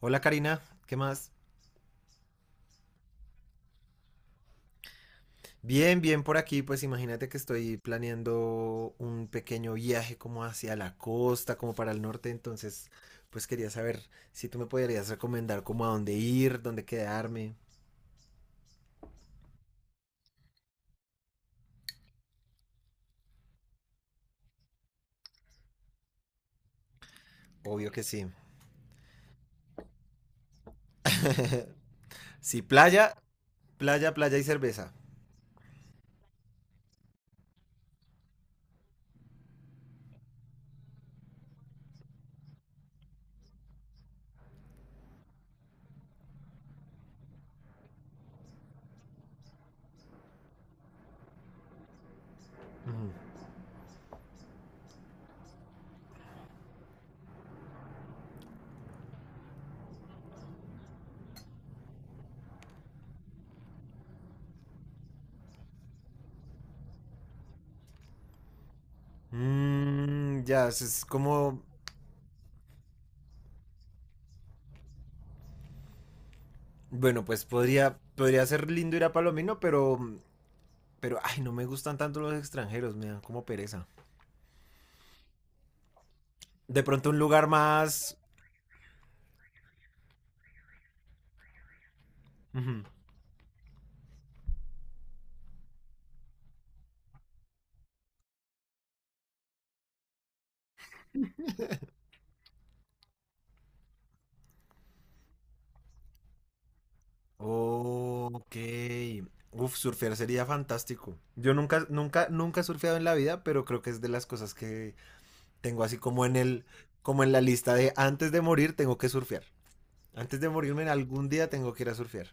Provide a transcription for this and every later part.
Hola Karina, ¿qué más? Bien, bien por aquí, pues imagínate que estoy planeando un pequeño viaje como hacia la costa, como para el norte, entonces pues quería saber si tú me podrías recomendar como a dónde ir, dónde quedarme. Obvio que sí. Sí, playa, playa, playa y cerveza. Ujú. Mm, ya, eso es como, bueno, pues podría ser lindo ir a Palomino, pero, ay, no me gustan tanto los extranjeros, me dan como pereza. De pronto un lugar más, ujú. Ok. Uf, surfear sería fantástico. Yo nunca, nunca, nunca he surfeado en la vida, pero creo que es de las cosas que tengo así como en el, como en la lista de antes de morir tengo que surfear. Antes de morirme en algún día tengo que ir a surfear.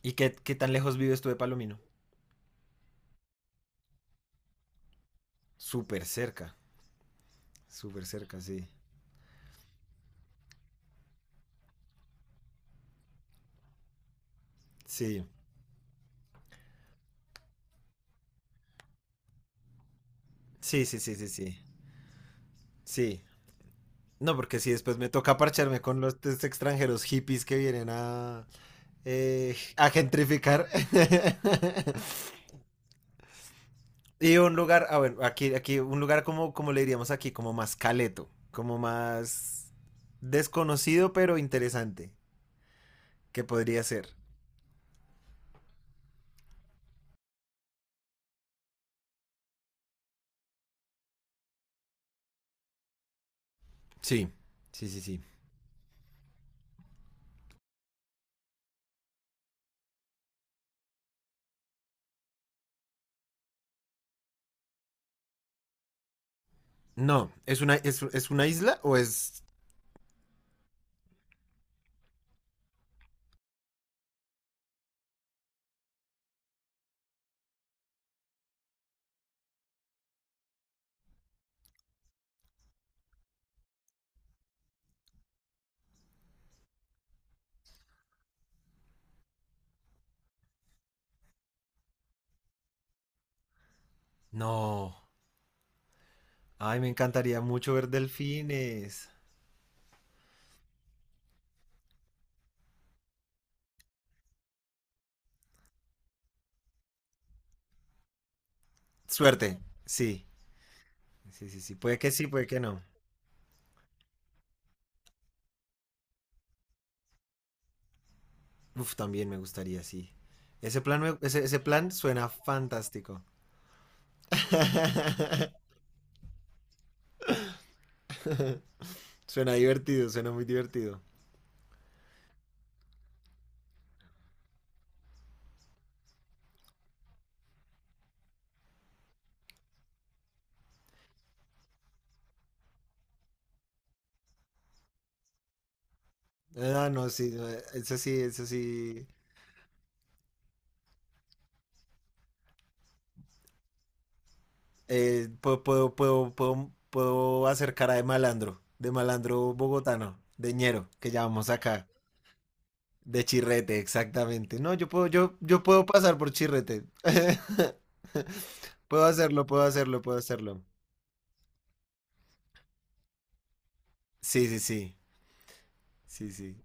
¿Y qué tan lejos vives tú de Palomino? Súper cerca, súper cerca, sí. Sí, sí, sí, sí, sí, sí. Sí. No, porque si después me toca parcharme con los estos extranjeros hippies que vienen a gentrificar. Y un lugar, ah, bueno, aquí, un lugar como, como le diríamos aquí, como más caleto, como más desconocido pero interesante, que podría ser. Sí, sí, sí, sí. No, ¿es una, es una isla o es? No, ay, me encantaría mucho ver delfines. Suerte, sí, sí, sí, sí, puede que no. Uf, también me gustaría, sí. Ese, ese plan suena fantástico. Suena divertido, suena muy divertido. Ah, no, sí, no, es así, es así. Puedo hacer cara de malandro bogotano, de ñero, que llamamos acá, de chirrete, exactamente. No, yo puedo pasar por chirrete. Puedo hacerlo, puedo hacerlo, puedo hacerlo. Sí, sí, sí, sí, sí.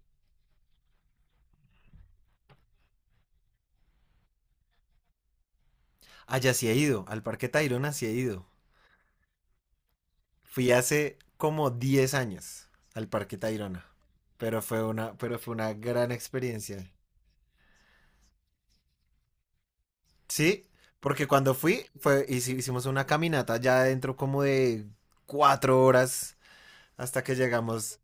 Allá sí he ido, al Parque Tayrona sí he ido. Fui hace como 10 años al Parque Tayrona, pero pero fue una gran experiencia. Sí, porque cuando fui, fue, hici- hicimos una caminata ya dentro como de 4 horas hasta que llegamos.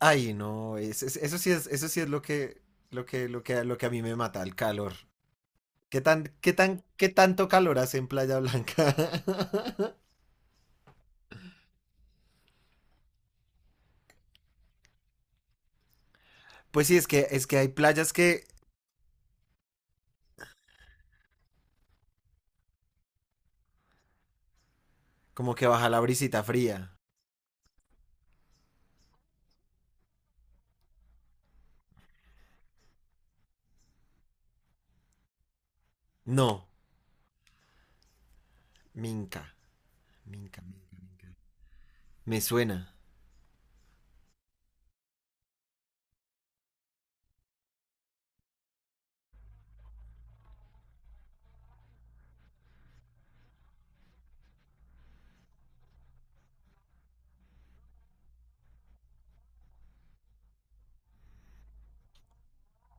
Ay, no, eso sí es lo que, lo que a mí me mata, el calor. Qué tanto calor hace en Playa Blanca? Pues sí, es que hay playas que como que baja la brisita fría. No, Minca. Minca, Minca, Minca. Me suena.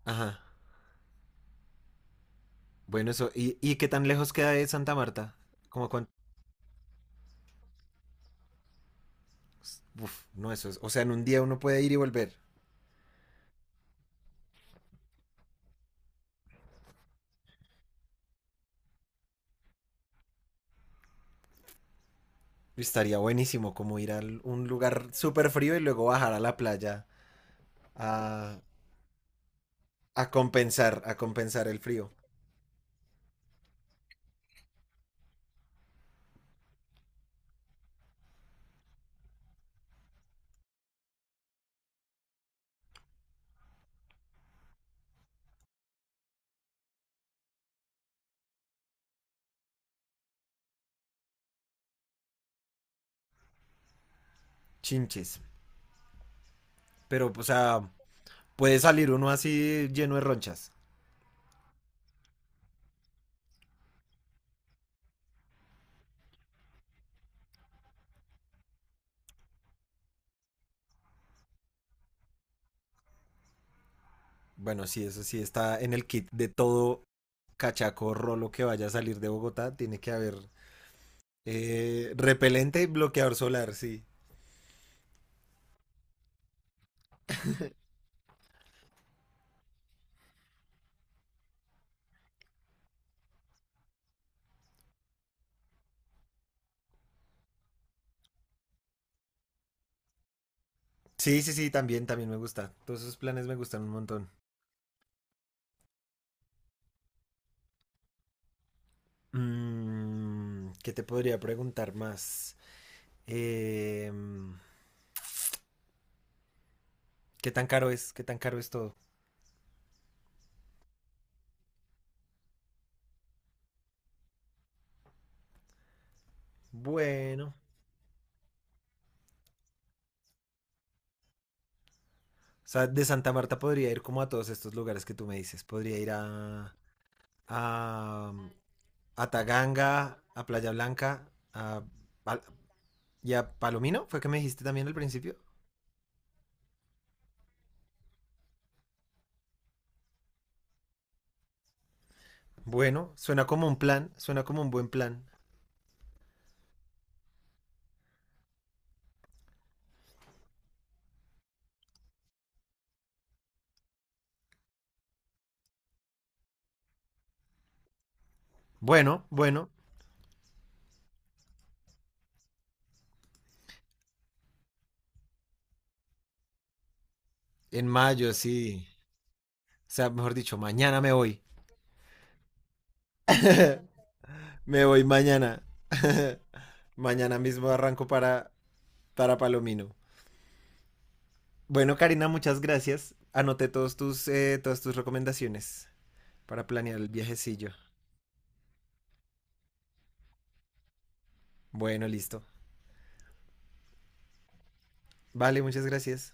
Ajá. Bueno, eso. Y qué tan lejos queda de Santa Marta? ¿Como cuánto? Uf, no, eso es. O sea, en un día uno puede ir y volver. Estaría buenísimo como ir a un lugar súper frío y luego bajar a la playa a, a compensar el frío. Chinches. Pero, o sea, puede salir uno así lleno de ronchas. Bueno, sí, eso sí está en el kit de todo cachaco rolo que vaya a salir de Bogotá. Tiene que haber repelente y bloqueador solar, sí. Sí, sí, sí, también, también me gusta. Todos esos planes me gustan un montón. Mm, ¿qué te podría preguntar más? Eh, ¿Qué tan caro es? ¿Qué tan caro es todo? Bueno, o sea, de Santa Marta podría ir como a todos estos lugares que tú me dices. Podría ir a, a Taganga, a Playa Blanca, a, Pal- y a Palomino, fue que me dijiste también al principio. Bueno, suena como un plan, suena como un buen plan. Bueno, bueno, en mayo sí. O sea, mejor dicho, mañana me voy. Me voy mañana. Mañana mismo arranco para Palomino. Bueno, Karina, muchas gracias. Anoté todos tus, todas tus recomendaciones para planear el viajecillo. Bueno, listo. Vale, muchas gracias.